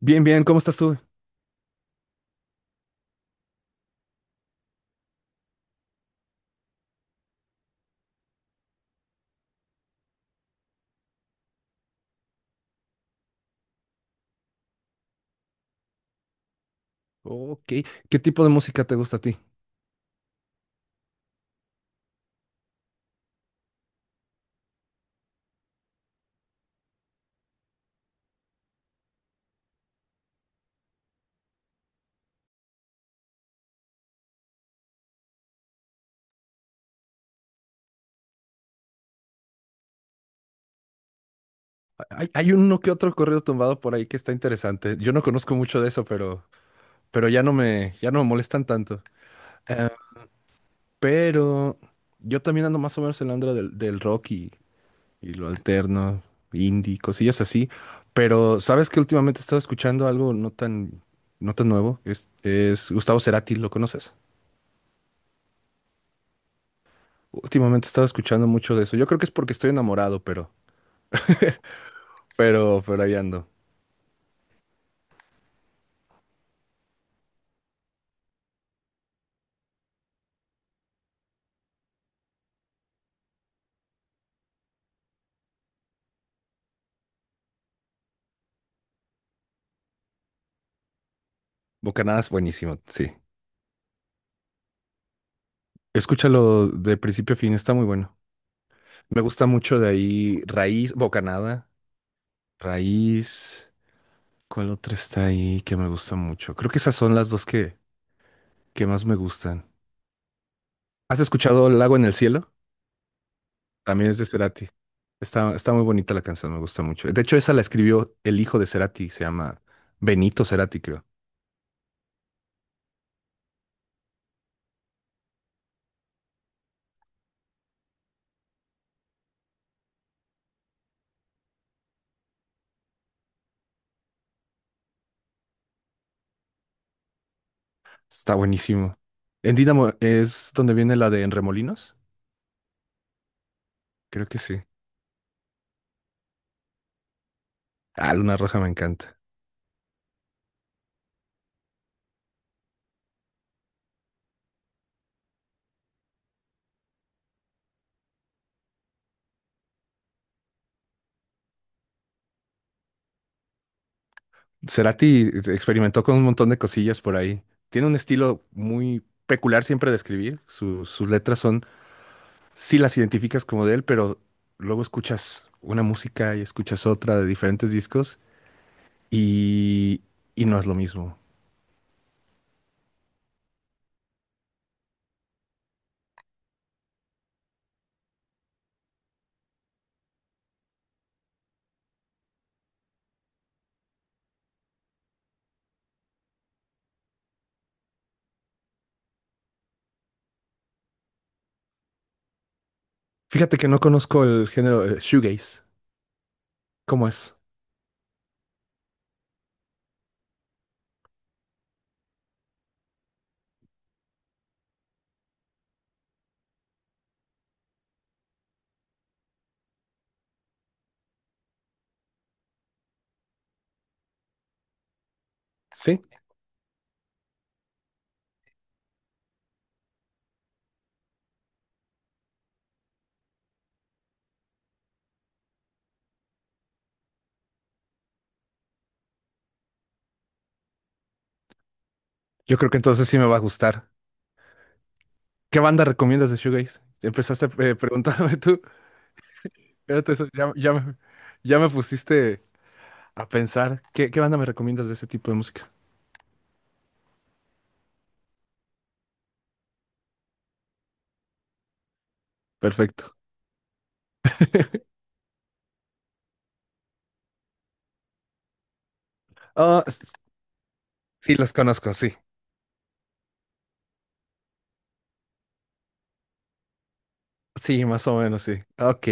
Bien, bien, ¿cómo estás tú? Ok, ¿qué tipo de música te gusta a ti? Hay uno que otro corrido tumbado por ahí que está interesante. Yo no conozco mucho de eso, pero, pero ya no me molestan tanto. Pero yo también ando más o menos en la onda del rock y lo alterno, indie, cosillas así. Pero sabes que últimamente he estado escuchando algo no tan, no tan nuevo. Es Gustavo Cerati, ¿lo conoces? Últimamente he estado escuchando mucho de eso. Yo creo que es porque estoy enamorado, pero, pero ahí ando. Bocanadas, buenísimo, sí. Escúchalo de principio a fin, está muy bueno. Me gusta mucho de ahí Raíz, Bocanada, Raíz. ¿Cuál otra está ahí que me gusta mucho? Creo que esas son las dos que más me gustan. ¿Has escuchado Lago en el cielo? También es de Cerati. Está muy bonita la canción, me gusta mucho. De hecho, esa la escribió el hijo de Cerati, se llama Benito Cerati, creo. Está buenísimo. En Dínamo es donde viene la de En Remolinos, creo que sí. Ah, Luna Roja me encanta. Cerati experimentó con un montón de cosillas por ahí. Tiene un estilo muy peculiar siempre de escribir. Sus letras son, sí las identificas como de él, pero luego escuchas una música y escuchas otra de diferentes discos y, y no es lo mismo. Fíjate que no conozco el género shoegaze. ¿Cómo es? Sí, yo creo que entonces sí me va a gustar. ¿Qué banda recomiendas de shoegaze? Empezaste preguntándome tú, pero ya me pusiste a pensar, ¿qué banda me recomiendas de ese tipo de música? Perfecto. Ah, sí, los conozco, sí. Sí, más o menos, sí. Ok.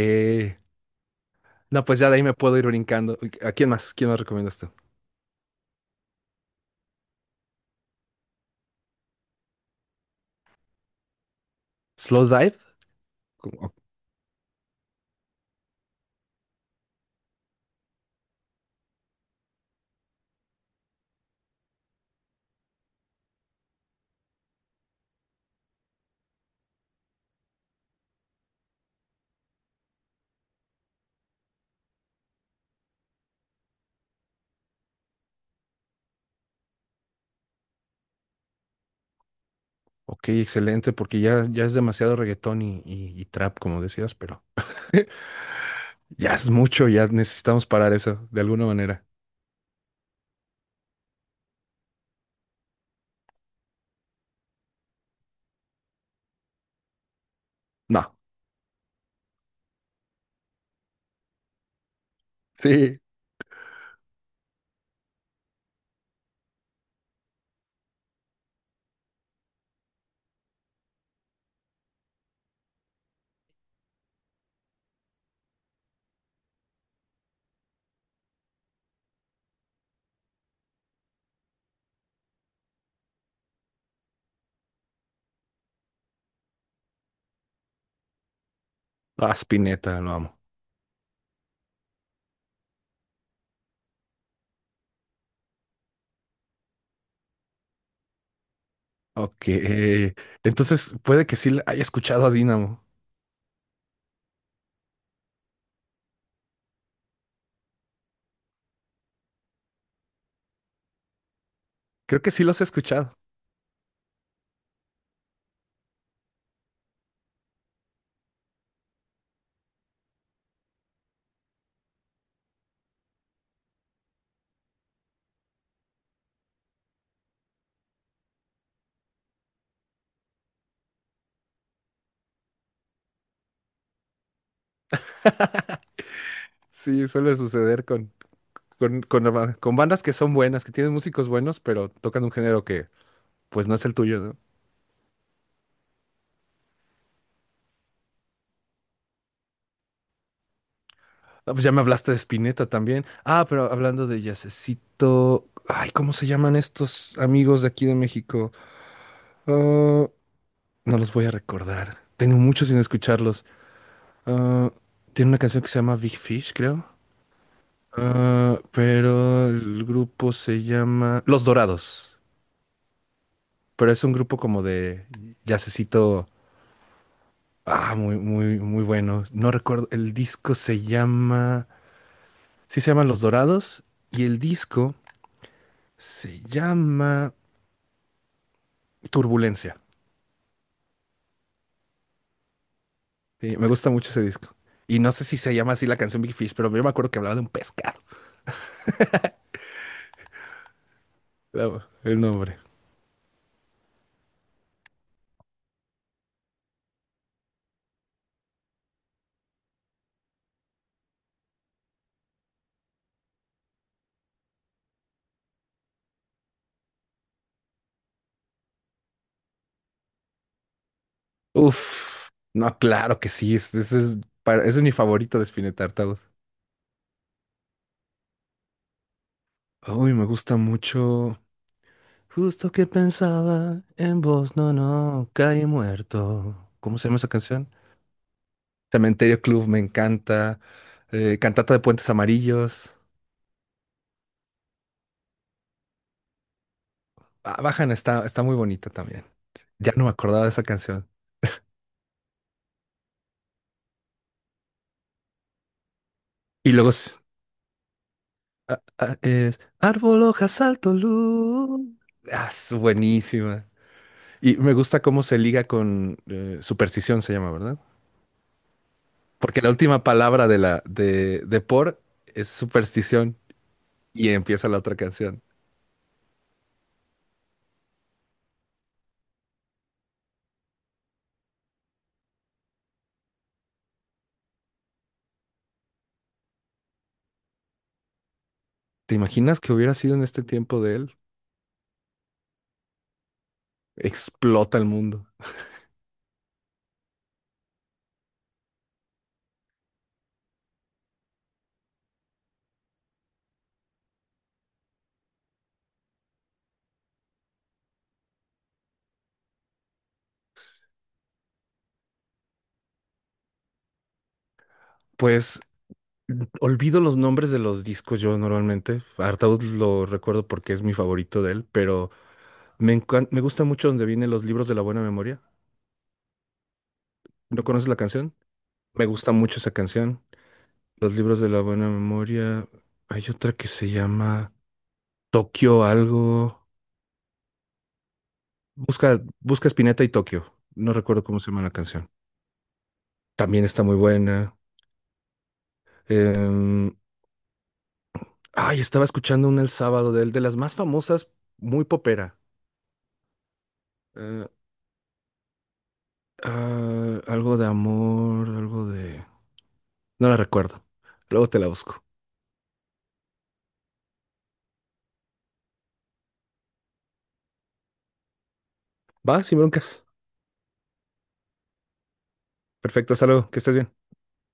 No, pues ya de ahí me puedo ir brincando. Uy, ¿a quién más? ¿Quién más recomiendas tú? ¿Slow Dive? Co- o- Ok, excelente, porque ya, ya es demasiado reggaetón y, y trap, como decías, pero ya es mucho, ya necesitamos parar eso de alguna manera. No, sí. Ah, Spinetta, lo amo. Ok. Entonces, puede que sí haya escuchado a Dynamo. Creo que sí los he escuchado. Sí, suele suceder con, con con bandas que son buenas, que tienen músicos buenos, pero tocan un género que pues no es el tuyo, ¿no? Ah, pues ya me hablaste de Spinetta también. Ah, pero hablando de jazzcito, ay, ¿cómo se llaman estos amigos de aquí de México? Ah, no los voy a recordar. Tengo mucho sin escucharlos. Ah, tiene una canción que se llama Big Fish, creo. Ah, pero el grupo se llama Los Dorados. Pero es un grupo como de jazzcito. Ah, muy, muy, muy bueno. No recuerdo. El disco se llama. Sí, se llama Los Dorados. Y el disco se llama Turbulencia. Sí, me gusta mucho ese disco. Y no sé si se llama así la canción Big Fish, pero yo me acuerdo que hablaba de un pescado. Claro, el nombre. Uf. No, claro que sí. Ese es, ese es mi favorito de Spinetta Tartaud. Uy, me gusta mucho. Justo que pensaba en vos, no, no, caí muerto. ¿Cómo se llama esa canción? Cementerio Club me encanta. Cantata de Puentes Amarillos. Ah, Bajan está, está muy bonita también. Ya no me acordaba de esa canción. Y luego es Árbol, hojas, alto, luz. Ah, es buenísima. Y me gusta cómo se liga con superstición, se llama, ¿verdad? Porque la última palabra de la de por es superstición y empieza la otra canción. ¿Te imaginas que hubiera sido en este tiempo de él? Explota el mundo. Pues olvido los nombres de los discos yo normalmente. Artaud lo recuerdo porque es mi favorito de él, pero me gusta mucho donde vienen los libros de la buena memoria. ¿No conoces la canción? Me gusta mucho esa canción. Los libros de la buena memoria. Hay otra que se llama Tokio algo. Busca, busca Spinetta y Tokio. No recuerdo cómo se llama la canción. También está muy buena. Em, ay, estaba escuchando una el sábado de él, de las más famosas, muy popera. Eh, algo de amor, algo de... No la recuerdo. Luego te la busco. Va, sin broncas. Perfecto, hasta luego, que estés bien.